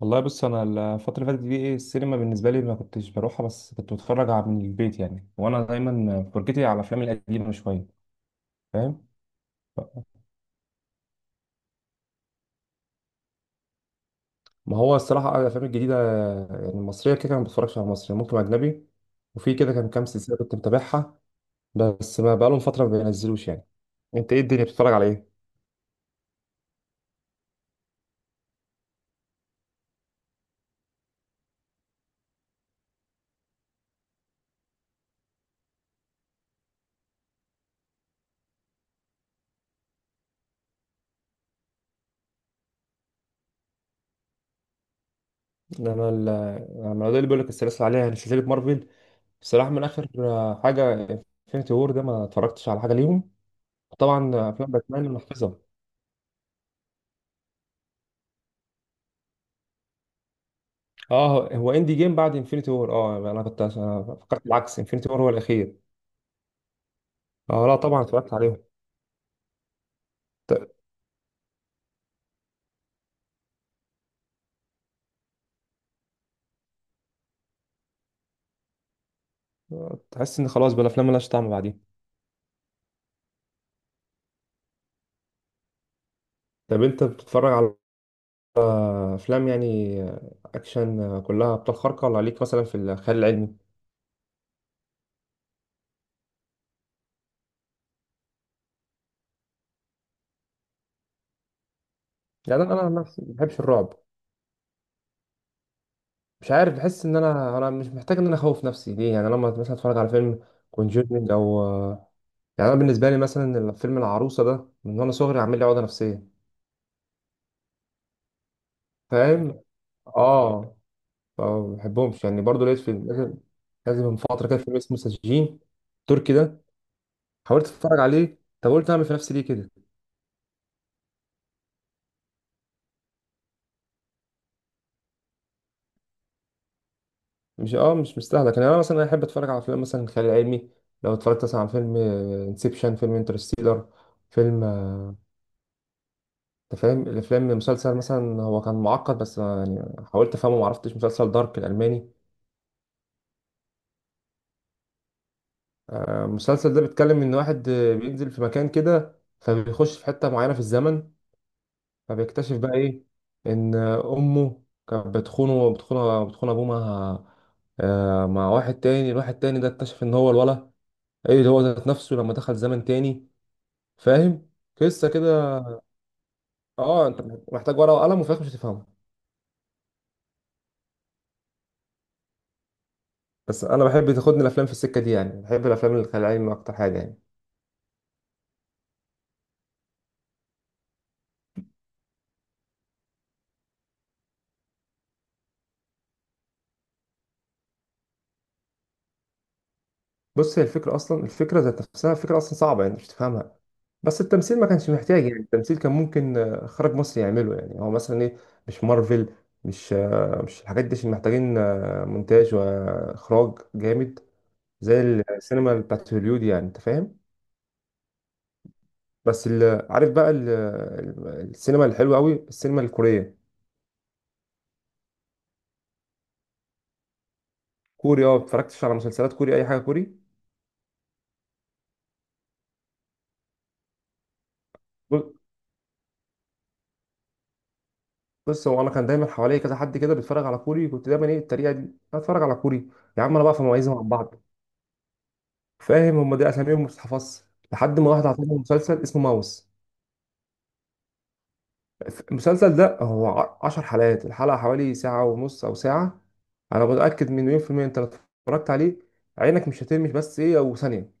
والله بص، انا الفتره اللي فاتت دي ايه؟ السينما بالنسبه لي ما كنتش بروحها، بس كنت بتفرج على من البيت يعني، وانا دايما فرجتي على الافلام القديمه شويه. فاهم. ف- ما هو الصراحه الافلام الجديده يعني المصريه كده كده ما بتفرجش على مصري، ممكن اجنبي. وفي كده كان كام سلسله كنت متابعها، بس ما بقالهم فتره ما بينزلوش يعني. انت ايه الدنيا، بتتفرج على ايه؟ انا ال- انا ده اللي بيقول لك السلاسل عليها، يعني سلسله مارفل. الصراحه من اخر حاجه انفينيتي وور ده ما اتفرجتش على حاجه ليهم. طبعا افلام باتمان محفظه. اه، هو اندي جيم بعد انفينيتي وور. اه يعني انا كنت أنا فكرت العكس، انفينيتي وور هو الاخير. اه لا طبعا اتفرجت عليهم. ت- تحس ان خلاص بقى الافلام ملهاش طعم بعدين. طب انت بتتفرج على افلام يعني اكشن كلها ابطال خارقه، ولا ليك مثلا في الخيال العلمي؟ يعني انا عن نفسي ما بحبش الرعب. مش عارف، بحس ان انا مش محتاج ان انا اخوف نفسي ليه يعني. انا لما مثلا اتفرج على فيلم كونجورنج او يعني انا بالنسبه لي مثلا فيلم العروسه ده، من وانا صغري عامل لي عقده نفسيه. فاهم. اه. فما بحبهمش يعني. برضه لقيت فيلم لازم من فترة كده، فيلم اسمه سجين تركي ده، حاولت اتفرج عليه. طب قلت اعمل في نفسي ليه كده؟ مش مستاهله. كان انا مثلا احب اتفرج على افلام مثلا خيال علمي، لو اتفرجت مثلا على فيلم انسبشن، فيلم انترستيلر، فيلم انت فاهم الافلام. مسلسل مثلا هو كان معقد بس، يعني حاولت افهمه ما عرفتش، مسلسل دارك الالماني. المسلسل ده بيتكلم ان واحد بينزل في مكان كده، فبيخش في حته معينه في الزمن، فبيكتشف بقى ايه؟ ان امه كانت بتخونه بتخون ابوه مع مع واحد تاني. الواحد تاني ده اكتشف ان هو ايه اللي هو ذات نفسه لما دخل زمن تاني. فاهم؟ قصه كده. اه انت محتاج ورقه وقلم، وفي الآخر مش هتفهمها. بس انا بحب تاخدني الافلام في السكه دي يعني، بحب الافلام الخيال العلمي اكتر حاجه يعني. بص، هي الفكره اصلا، الفكره ذات نفسها، الفكره اصلا صعبه يعني مش تفهمها، بس التمثيل ما كانش محتاج. يعني التمثيل كان ممكن خرج مصر يعمله يعني، هو مثلا ايه؟ مش مارفل، مش الحاجات دي، عشان محتاجين مونتاج واخراج جامد زي السينما بتاعت هوليود يعني، انت فاهم. بس عارف بقى السينما الحلوه قوي السينما الكوريه. كوري. اه اتفرجتش على مسلسلات كوري اي حاجه كوري؟ بص هو انا كان دايما حواليا كذا حد كده بيتفرج على كوري، كنت دايما ايه الطريقه دي اتفرج على كوري، يا عم انا بقى في مميزه مع بعض. فاهم، هم دي اساميهم ما بتتحفظش. لحد ما واحد عطاني مسلسل اسمه ماوس. المسلسل ده هو 10 حلقات، الحلقة حوالي ساعة ونص أو ساعة. أنا متأكد من 1,000,000%، أنت لو اتفرجت عليه عينك مش هترمش، بس إيه أو ثانية.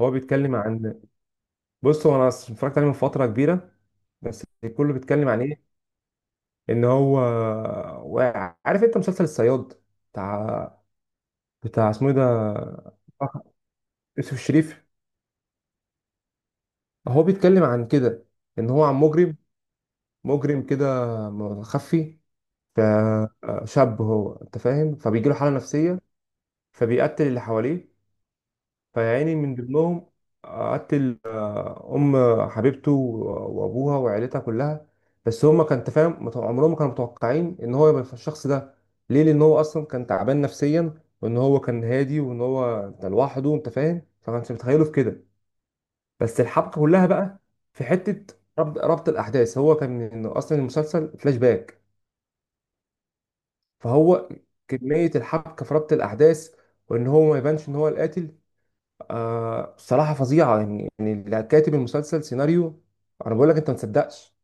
هو بيتكلم عن، بص، هو أنا اتفرجت عليه من فترة كبيرة، بس كله بيتكلم عن إيه؟ إن هو واقع. عارف أنت مسلسل الصياد بتاع اسمه إيه ده؟ آه، يوسف الشريف. هو بيتكلم عن كده، إن هو عن مجرم، مجرم كده مخفي، فشاب هو انت فاهم، فبيجيله حالة نفسية فبيقتل اللي حواليه. فيعني من ضمنهم قتل ام حبيبته وابوها وعيلتها كلها. بس هما كان انت فاهم، عمرهم ما كانوا متوقعين ان هو يبقى الشخص ده. ليه؟ لان هو اصلا كان تعبان نفسيا، وان هو كان هادي، وان هو كان لوحده، انت فاهم، فما كانش متخيله في كده. بس الحبكة كلها بقى في حتة ربط الاحداث، هو كان إنه اصلا المسلسل فلاش باك، فهو كمية الحبكة في ربط الأحداث، وإن هو ما يبانش إن هو القاتل. بصراحة فظيعة يعني اللي كاتب المسلسل سيناريو أنا بقول لك أنت ما تصدقش.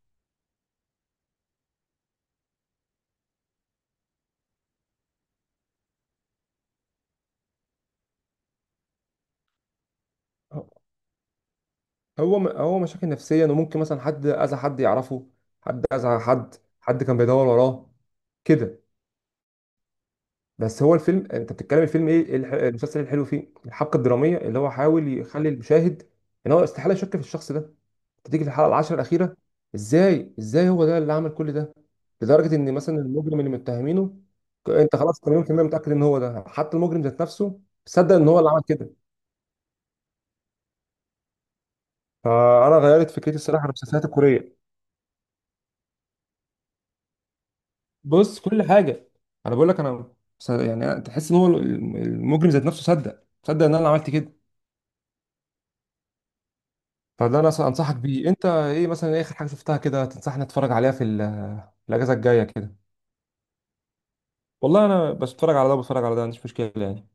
هو مشاكل نفسية، إنه ممكن مثلا حد أذى حد يعرفه، حد أذى حد كان بيدور وراه كده. بس هو الفيلم أنت بتتكلم، الفيلم إيه المسلسل الحلو فيه الحبكة الدرامية اللي هو حاول يخلي المشاهد إن هو استحالة يشك في الشخص ده. تيجي في الحلقه العشرة الاخيره، ازاي ازاي هو ده اللي عمل كل ده؟ لدرجه ان مثلا المجرم اللي متهمينه انت خلاص 80% متاكد ان هو ده، حتى المجرم ذات نفسه صدق ان هو اللي عمل كده. فانا غيرت فكرتي الصراحه عن المسلسلات الكوريه. بص كل حاجه انا بقول لك، انا س- يعني أنا- تحس ان هو المجرم ذات نفسه صدق ان انا عملت كده. فده انا أصلاً انصحك بيه. انت ايه مثلا، إيه اخر حاجه شفتها كده تنصحني اتفرج عليها في الاجازه الجايه كده؟ والله انا بس بتفرج على ده وبتفرج على ده، ما عنديش مشكله يعني.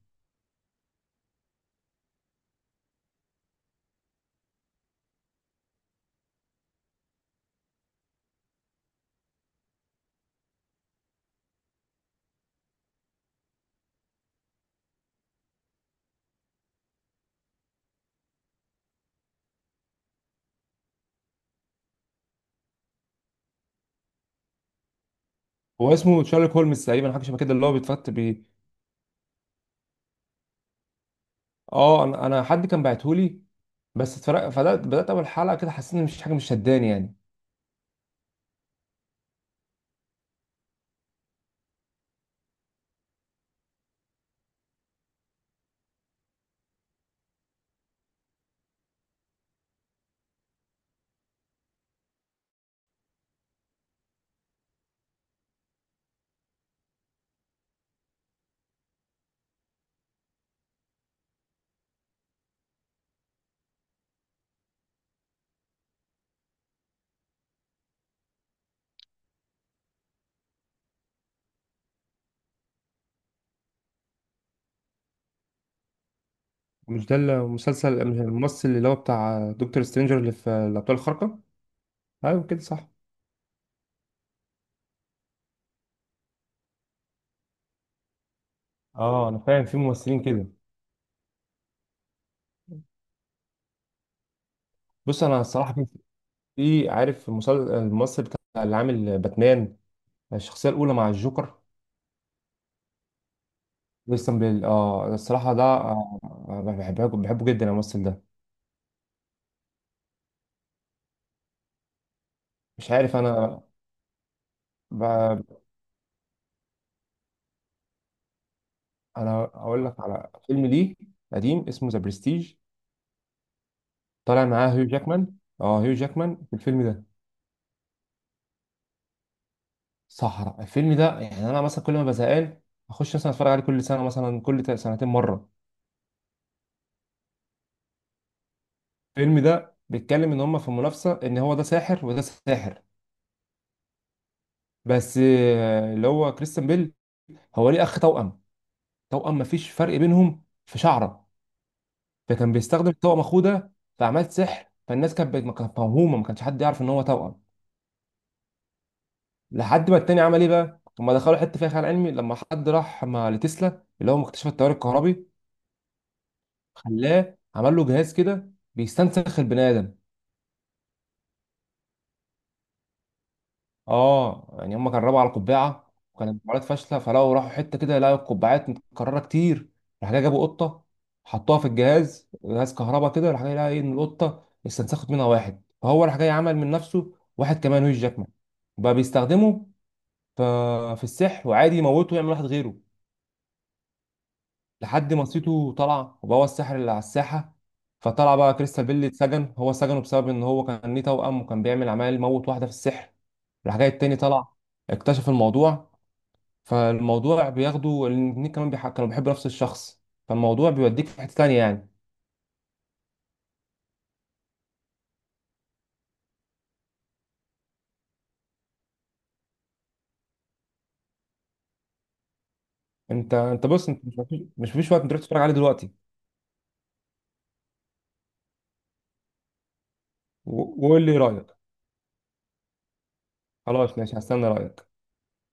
هو اسمه شارلوك هولمز تقريبا حاجه شبه كده، اللي هو بيتفت بيه. اه انا حد كان بعتهولي، بس اتفرق، فبدات اول حلقه كده حسيت ان مفيش حاجه، مش شداني يعني. مش ده المسلسل، مش الممثل اللي هو بتاع دكتور سترينجر اللي في الابطال الخارقه؟ ايوه كده صح. اه انا فاهم، في ممثلين كده. بص انا الصراحه في، عارف الممثل بتاع اللي عامل باتمان الشخصيه الاولى مع الجوكر؟ كريستيان بيل. اه الصراحه ده بحبه بحبه جدا الممثل ده. مش عارف انا. اقول لك على فيلم ليه قديم اسمه ذا برستيج، طالع معاه هيو جاكمان. اه هيو جاكمان في الفيلم ده. صحراء. الفيلم ده يعني انا مثلا كل ما بزهقان اخش مثلا اتفرج عليه، كل سنه مثلا كل سنتين مره. الفيلم ده بيتكلم ان هم في منافسه، ان هو ده ساحر وده ساحر، بس اللي هو كريستيان بيل هو ليه اخ توأم، توأم مفيش فرق بينهم في شعره، فكان بيستخدم توأم اخوه ده في اعمال سحر، فالناس كانت ما كانت موهومه، ما كانش حد يعرف ان هو توأم. لحد ما التاني عمل ايه بقى؟ هما دخلوا حته فيها خيال علمي، لما حد راح مع لتسلا اللي هو مكتشف التيار الكهربي، خلاه عمل له جهاز كده بيستنسخ البني ادم. اه يعني هما جربوا على قبعه وكانت محاولات فاشله، فلو راحوا حته كده لقوا القبعات متكرره كتير. راح جاي جابوا قطه، حطوها في الجهاز، جهاز كهرباء كده، راح جاي لقى ايه؟ ان القطه استنسخت منها واحد. فهو راح جاي عمل من نفسه واحد كمان، هو جاكمان، بقى بيستخدمه ف- في السحر، وعادي يموته ويعمل واحد غيره. لحد ما سيتو طلع وبقى هو الساحر اللي على الساحه، فطلع بقى كريستال بيل اتسجن، هو سجنه بسبب ان هو كان ليه توأم وكان بيعمل عمال موت واحده في السحر. راح جاي التاني طلع اكتشف الموضوع، فالموضوع بياخده الاتنين كمان كانوا بيحبوا نفس الشخص، فالموضوع بيوديك في حته تانيه يعني. انت بص انت، مش مفيش وقت، انت تروح تتفرج عليه دلوقتي. وقول لي رايك. خلاص ماشي هستنى رايك.